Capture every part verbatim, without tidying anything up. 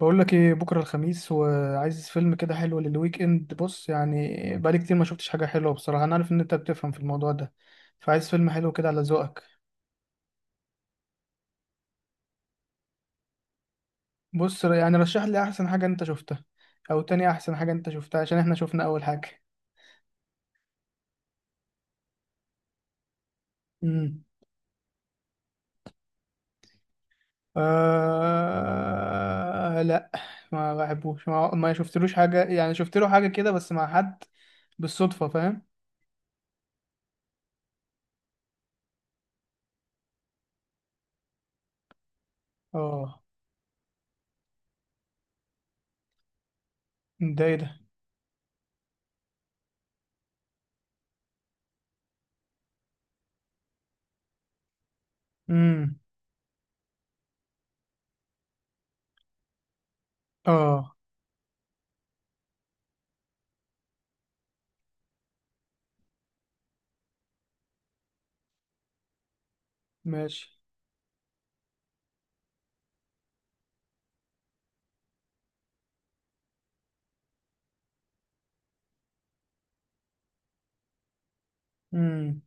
بقول لك ايه، بكره الخميس وعايز فيلم كده حلو للويك اند. بص، يعني بقالي كتير ما شفتش حاجه حلوه بصراحه. انا عارف ان انت بتفهم في الموضوع ده، فعايز فيلم حلو كده على ذوقك. بص، يعني رشح لي احسن حاجه انت شفتها، او تاني احسن حاجه انت شفتها، عشان احنا شفنا اول حاجه. امم. آه... لا. ما بحبوش، ما, ما شفتلوش حاجه، يعني شفت له حاجه كده بس مع حد بالصدفه، فاهم. اه. ده ايه ده؟ امم. اه، ماشي. امم.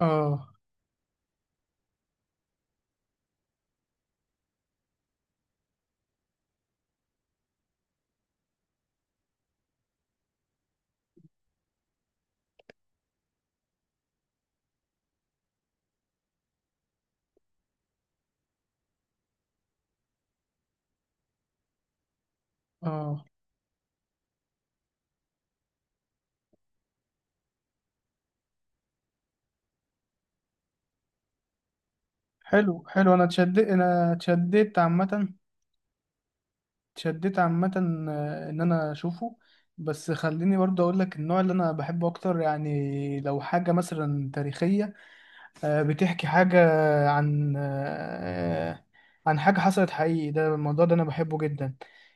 اه، اه. حلو، حلو، انا اتشدت انا اتشدت عامه. اتشدت عامه. آه، ان انا اشوفه. بس خليني برضه اقول لك النوع اللي انا بحبه اكتر، يعني لو حاجه مثلا تاريخيه، آه، بتحكي حاجه عن آه، عن حاجه حصلت حقيقي. ده الموضوع ده انا بحبه جدا،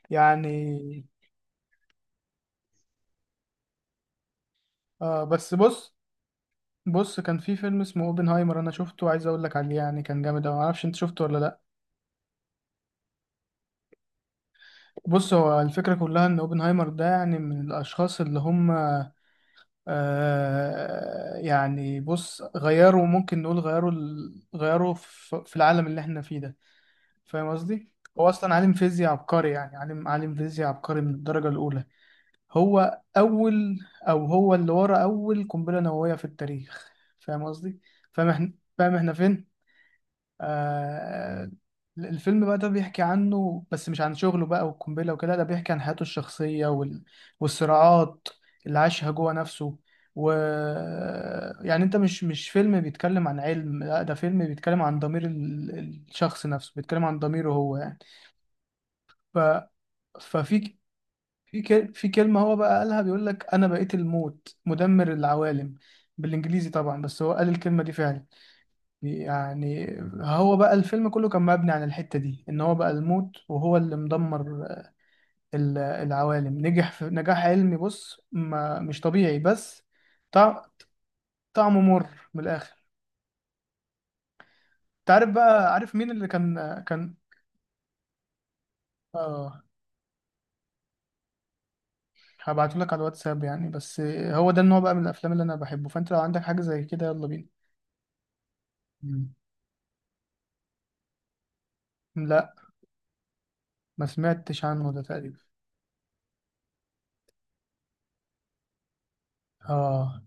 يعني. آه بس بص. بص، كان في فيلم اسمه اوبنهايمر، انا شفته، عايز اقول لك عليه، يعني كان جامد أوي، ما اعرفش انت شفته ولا لا. بص، هو الفكره كلها ان اوبنهايمر ده يعني من الاشخاص اللي هم، آه يعني بص، غيروا، ممكن نقول غيروا ال... غيروا في في العالم اللي احنا فيه ده. فاهم قصدي؟ هو أصلا عالم فيزياء عبقري، يعني عالم عالم فيزياء عبقري من الدرجة الأولى. هو أول أو هو اللي ورا أول قنبلة نووية في التاريخ. فاهم قصدي؟ فاهم احنا فاهم احنا فين؟ آه. الفيلم بقى ده بيحكي عنه بس مش عن شغله بقى والقنبلة وكده، ده بيحكي عن حياته الشخصية وال... والصراعات اللي عاشها جوه نفسه. و يعني، انت مش مش فيلم بيتكلم عن علم، لا، ده فيلم بيتكلم عن ضمير ال... الشخص نفسه، بيتكلم عن ضميره هو، يعني. ف... ففي في ك... في كلمة هو بقى قالها، بيقول لك انا بقيت الموت مدمر العوالم. بالانجليزي طبعا، بس هو قال الكلمة دي فعلا، يعني. هو بقى الفيلم كله كان مبني عن الحتة دي، ان هو بقى الموت وهو اللي مدمر ال- العوالم. نجح في نجاح علمي، بص، ما مش طبيعي بس. طع- طعمه مر من الاخر. انت عارف بقى، عارف مين اللي كان؟ كان اه. هبعته لك على الواتساب، يعني، بس هو ده النوع بقى من الافلام اللي انا بحبه، فانت لو عندك حاجة زي كده يلا بينا. مم. لا، ما سمعتش عنه ده تقريبا. اه.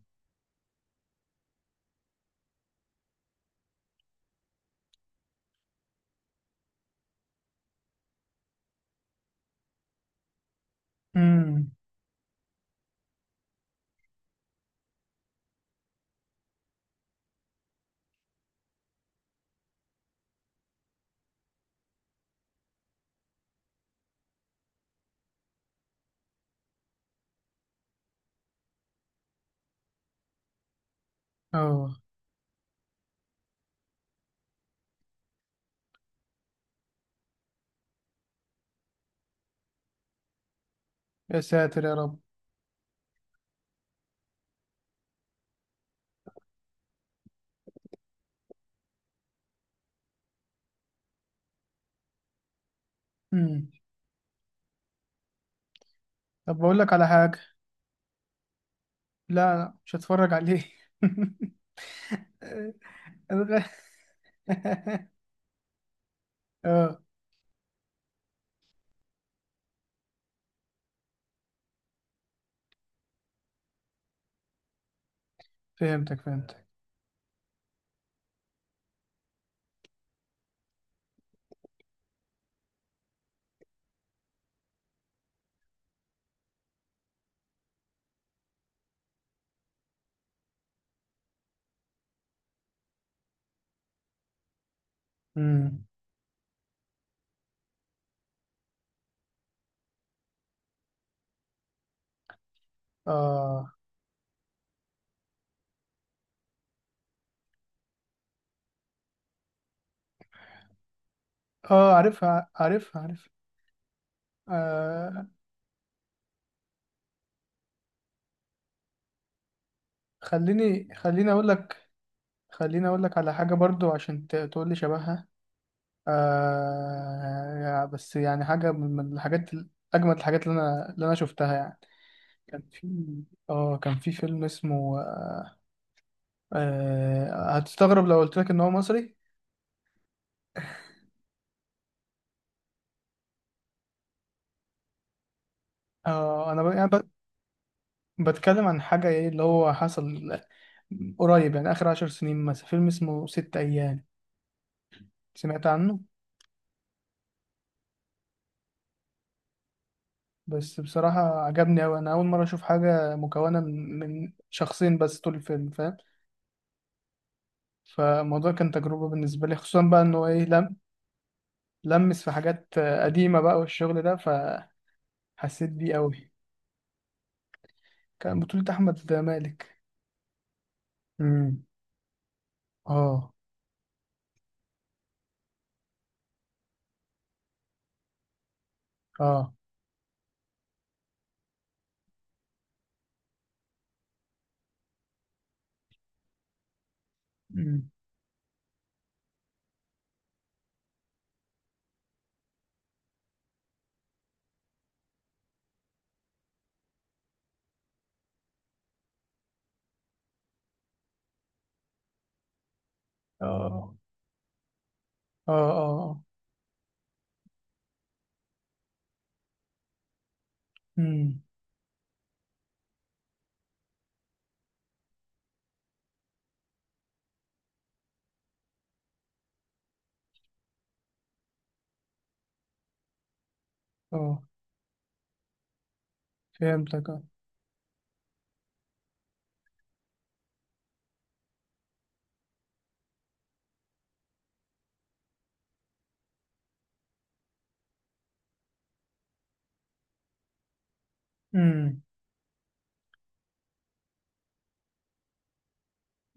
امم. اه. يا ساتر يا رب. امم. طب، بقول لك على حاجة. لا، لا، مش هتفرج عليه. الغ- اه. فهمتك، فهمتك. امم. اه، اه. عارفها، عارفها، عارفها. آه خليني، خليني اقول لك. خليني اقول لك على حاجة برضو، عشان ت- تقول لي شبهها. آه بس يعني حاجة من من الحاجات، ال- اجمد الحاجات اللي انا اللي انا شفتها، يعني. كان في اه كان في فيلم اسمه، آه آه، هتستغرب لو قلت لك ان هو مصري. اه، انا ب... يعني، بتكلم عن حاجة ايه اللي هو حصل قريب، يعني آخر عشر سنين مثلا، فيلم اسمه ست أيام، سمعت عنه؟ بس بصراحة عجبني أوي، أنا أول مرة أشوف حاجة مكونة من من شخصين بس طول الفيلم، فاهم. فالموضوع كان تجربة بالنسبة لي، خصوصا بقى إن هو إيه لم لمس في حاجات قديمة بقى والشغل ده، فحسيت بيه أوي. كان بطولة أحمد مالك. امم. اه، اه. امم. اه، اه، اه، اه. امم. اه. فهمتك. اه.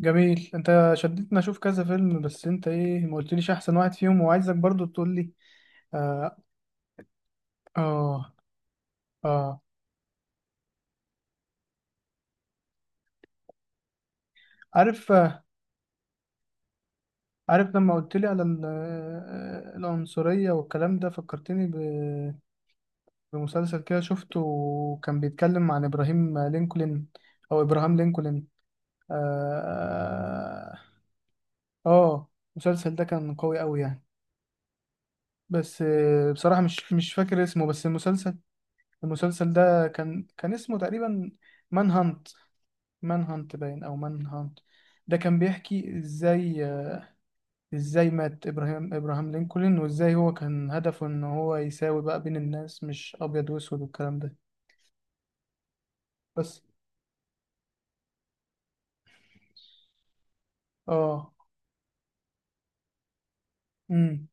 جميل، انت شدتني اشوف كذا فيلم، بس انت ايه ما قلتليش احسن واحد فيهم؟ وعايزك برضو تقول لي. اه، اه, آه. عارف آه، عارف لما قلت لي على ال- آه، آه، العنصرية والكلام ده، فكرتني ب- بمسلسل كده شفته، وكان بيتكلم عن ابراهيم لينكولن، او ابراهام لينكولن. اه, آه. آه، المسلسل ده كان قوي قوي، يعني. بس آه، بصراحة مش مش فاكر اسمه، بس المسلسل المسلسل ده كان كان اسمه تقريبا مان هانت. مان هانت باين، او مان هانت. ده كان بيحكي ازاي ازاي مات ابراهام ابراهام لينكولن، وازاي هو كان هدفه ان هو يساوي بقى بين الناس، مش ابيض واسود والكلام ده. بس. اه. امم.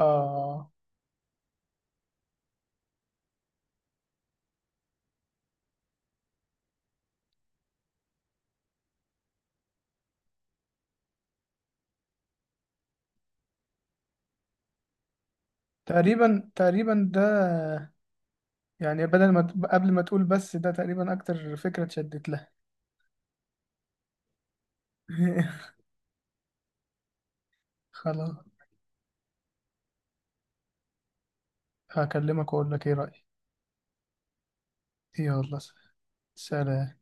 اه. تقريبا، تقريبا ده، يعني بدل ما ت- قبل ما تقول بس، ده تقريبا اكتر فكرة اتشدت لها. خلاص، هكلمك واقول لك ايه رأيي. يلا، سلام.